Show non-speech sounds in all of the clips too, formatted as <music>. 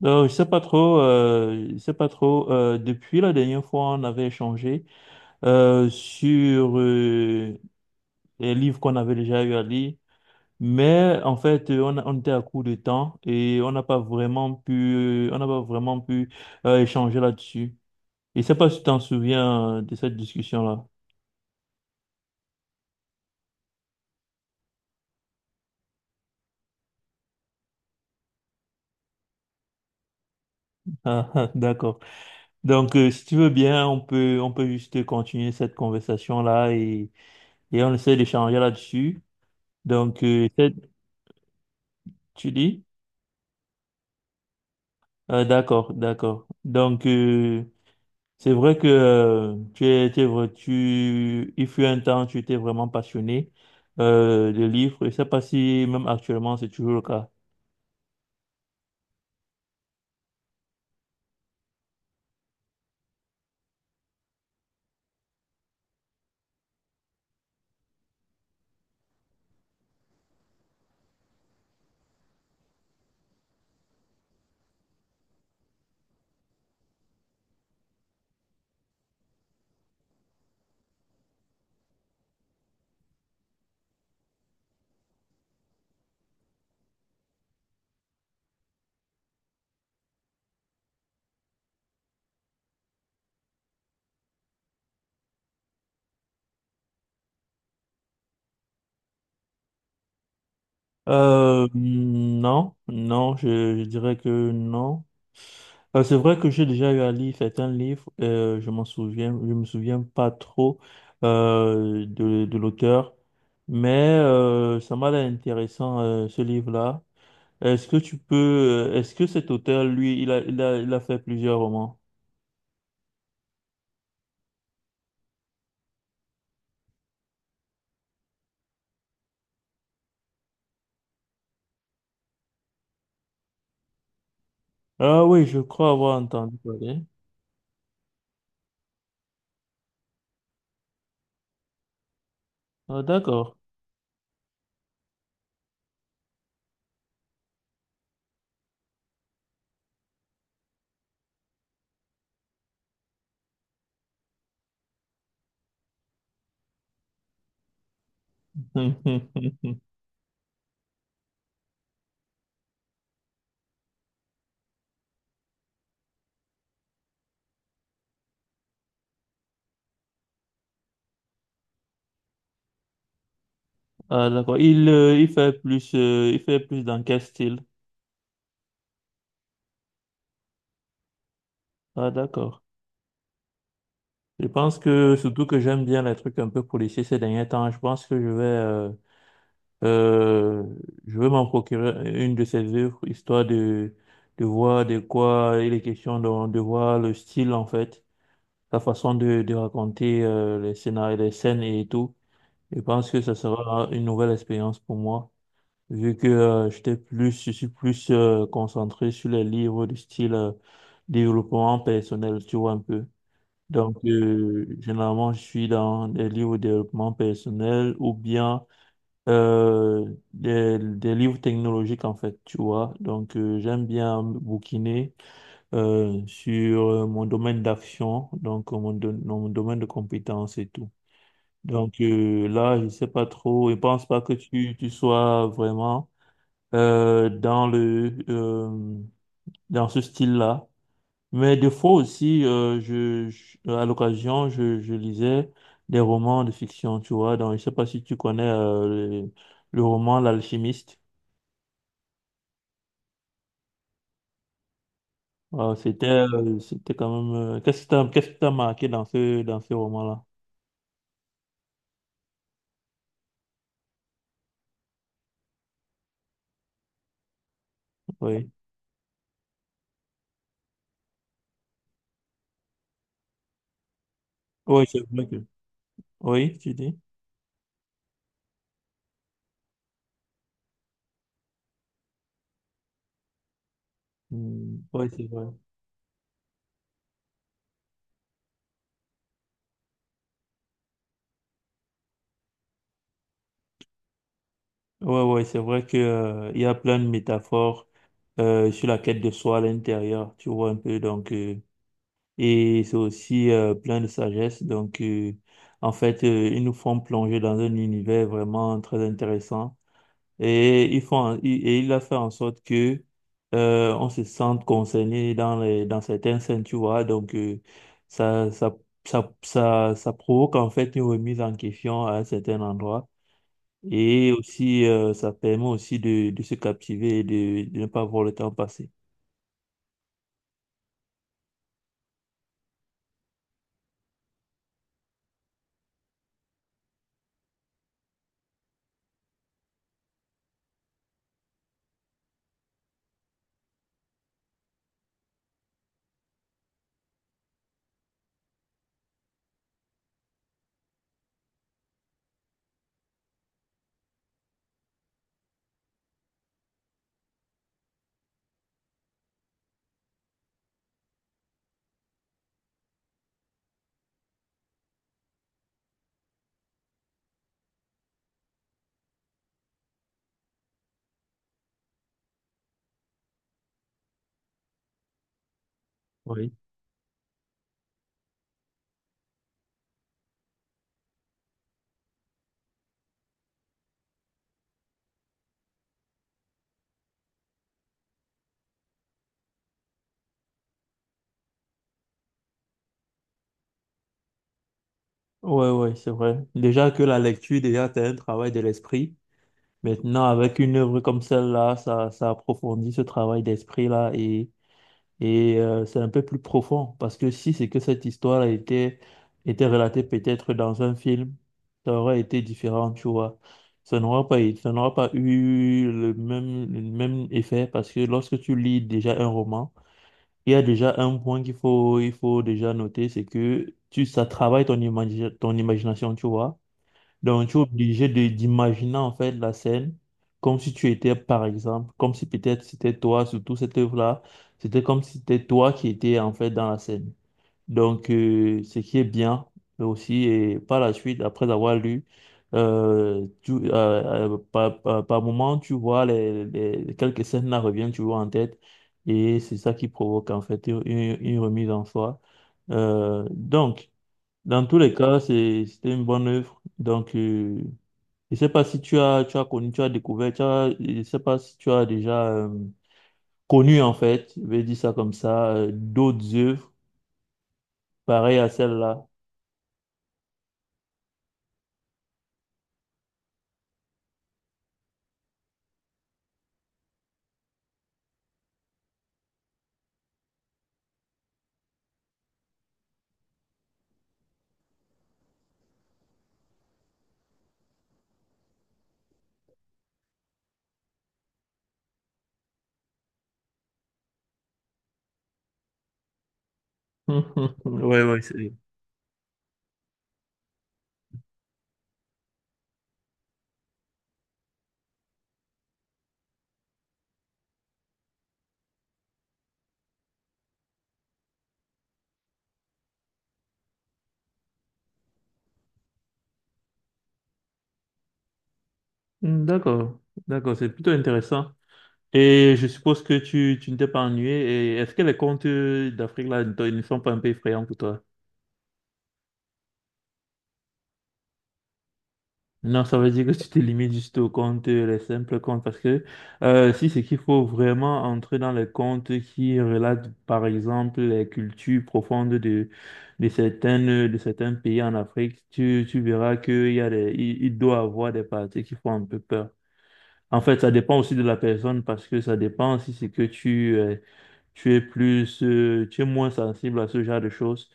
Non, je sais pas trop, je sais pas trop. Depuis la dernière fois, on avait échangé sur les livres qu'on avait déjà eu à lire, mais en fait, on était à court de temps et on n'a pas vraiment pu échanger là-dessus. Et je sais pas si tu t'en souviens de cette discussion-là. Ah, <laughs> ah, d'accord. Donc, si tu veux bien, on peut juste continuer cette conversation-là, et on essaie d'échanger là-dessus. Donc, tu dis? D'accord, d'accord. Donc, c'est vrai que tu es il fut un temps, tu étais vraiment passionné de livres. Je ne sais pas si même actuellement c'est toujours le cas. Non, non, je dirais que non. C'est vrai que j'ai déjà eu à lire certains livres, je m'en souviens, je me souviens pas trop de l'auteur, mais ça m'a l'air intéressant ce livre-là. Est-ce que cet auteur, lui, il a fait plusieurs romans? Ah oui, je crois avoir entendu parler. Ah, d'accord. <laughs> Ah, d'accord. Il, il fait plus dans quel style? Ah, d'accord. Je pense que surtout que j'aime bien les trucs un peu policiers ces derniers temps. Je pense que euh, je vais m'en procurer une de ses œuvres, histoire de voir de quoi il est question, de voir le style en fait. Ta façon de raconter les scénarios, les scènes et tout. Je pense que ça sera une nouvelle expérience pour moi, vu que je suis plus concentré sur les livres du style développement personnel, tu vois un peu. Donc, généralement, je suis dans des livres de développement personnel ou bien des livres technologiques, en fait, tu vois. Donc, j'aime bien bouquiner sur mon domaine d'action, donc mon domaine de compétences et tout. Donc, là, je sais pas trop, je pense pas que tu sois vraiment euh, dans le euh, dans ce style-là. Mais des fois aussi, à l'occasion, je lisais des romans de fiction, tu vois. Donc je sais pas si tu connais le, le roman L'Alchimiste. C'était quand même euh, qu'est-ce que t'as marqué dans ce roman-là? Oui. Oui, c'est vrai que… Oui, tu dis? Hmm. Oui, c'est vrai. Ouais, ouais, c'est vrai que, il y a plein de métaphores sur la quête de soi à l'intérieur, tu vois un peu. Donc, et c'est aussi plein de sagesse. Donc, ils nous font plonger dans un univers vraiment très intéressant. Et ils font, et il a fait en sorte que on se sente concerné dans dans certaines scènes, tu vois. Donc, ça, ça, ça provoque en fait une remise en question à un certain endroit. Et aussi, ça permet aussi de se captiver et de ne pas voir le temps passer. Oui. Ouais, ouais, c'est vrai. Déjà que la lecture, déjà, c'est un travail de l'esprit. Maintenant, avec une œuvre comme celle-là, ça approfondit ce travail d'esprit-là. Et c'est un peu plus profond, parce que si c'est que cette histoire a été, était relatée peut-être dans un film, ça aurait été différent, tu vois. Ça n'aura pas eu le même effet, parce que lorsque tu lis déjà un roman, il y a déjà un point il faut déjà noter, c'est que ça travaille ton imagination, tu vois. Donc, tu es obligé de d'imaginer en fait la scène comme si tu étais, par exemple, comme si peut-être c'était toi, surtout cette œuvre-là, c'était comme si c'était toi qui étais en fait dans la scène. Donc, ce qui est bien, mais aussi, et par la suite, après avoir lu, par moment, tu vois quelques scènes là reviennent, tu vois en tête, et c'est ça qui provoque en fait une remise en soi. Donc, dans tous les cas, c'était une bonne œuvre. Donc, je sais pas si tu as, tu as connu, tu as découvert, tu as, je sais pas si tu as déjà connu en fait, je vais dire ça comme ça, d'autres œuvres pareilles à celle-là. <laughs> Ouais, ouais, c'est… Hmm. D'accord, d'accord, c'est plutôt intéressant. Et je suppose que tu ne t'es pas ennuyé. Et est-ce que les contes d'Afrique là ne sont pas un peu effrayants pour toi? Non, ça veut dire que tu te limites juste aux comptes, les simples comptes, parce que si c'est qu'il faut vraiment entrer dans les comptes qui relatent, par exemple, les cultures profondes de certaines, de certains pays en Afrique, tu verras qu'il y a il doit avoir des parties qui font un peu peur. En fait, ça dépend aussi de la personne, parce que ça dépend si c'est que tu es moins sensible à ce genre de choses.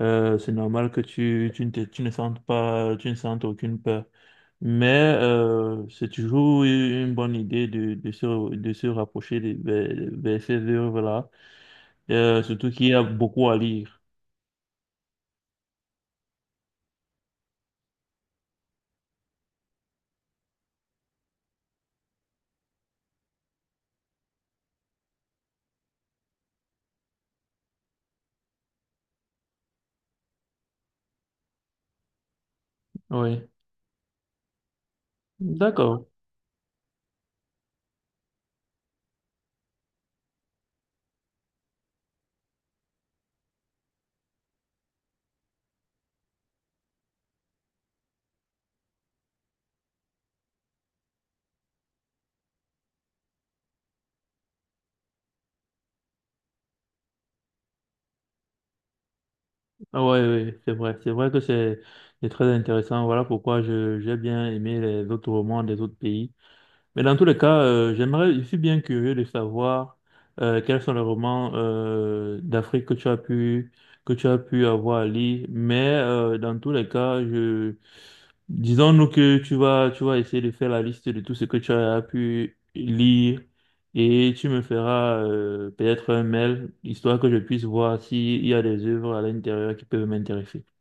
C'est normal que tu ne sentes pas, tu ne sentes aucune peur. Mais c'est toujours une bonne idée de, de se rapprocher vers ces œuvres-là. Surtout qu'il y a beaucoup à lire. Oui, d'accord. Ah ouais, ouais, c'est vrai. C'est vrai que c'est très intéressant. Voilà pourquoi j'ai bien aimé les autres romans des autres pays. Mais dans tous les cas, j'aimerais, je suis bien curieux de savoir quels sont les romans d'Afrique que tu as pu avoir à lire. Mais dans tous les cas, je disons-nous que tu vas essayer de faire la liste de tout ce que tu as pu lire, et tu me feras peut-être un mail, histoire que je puisse voir s'il y a des œuvres à l'intérieur qui peuvent m'intéresser.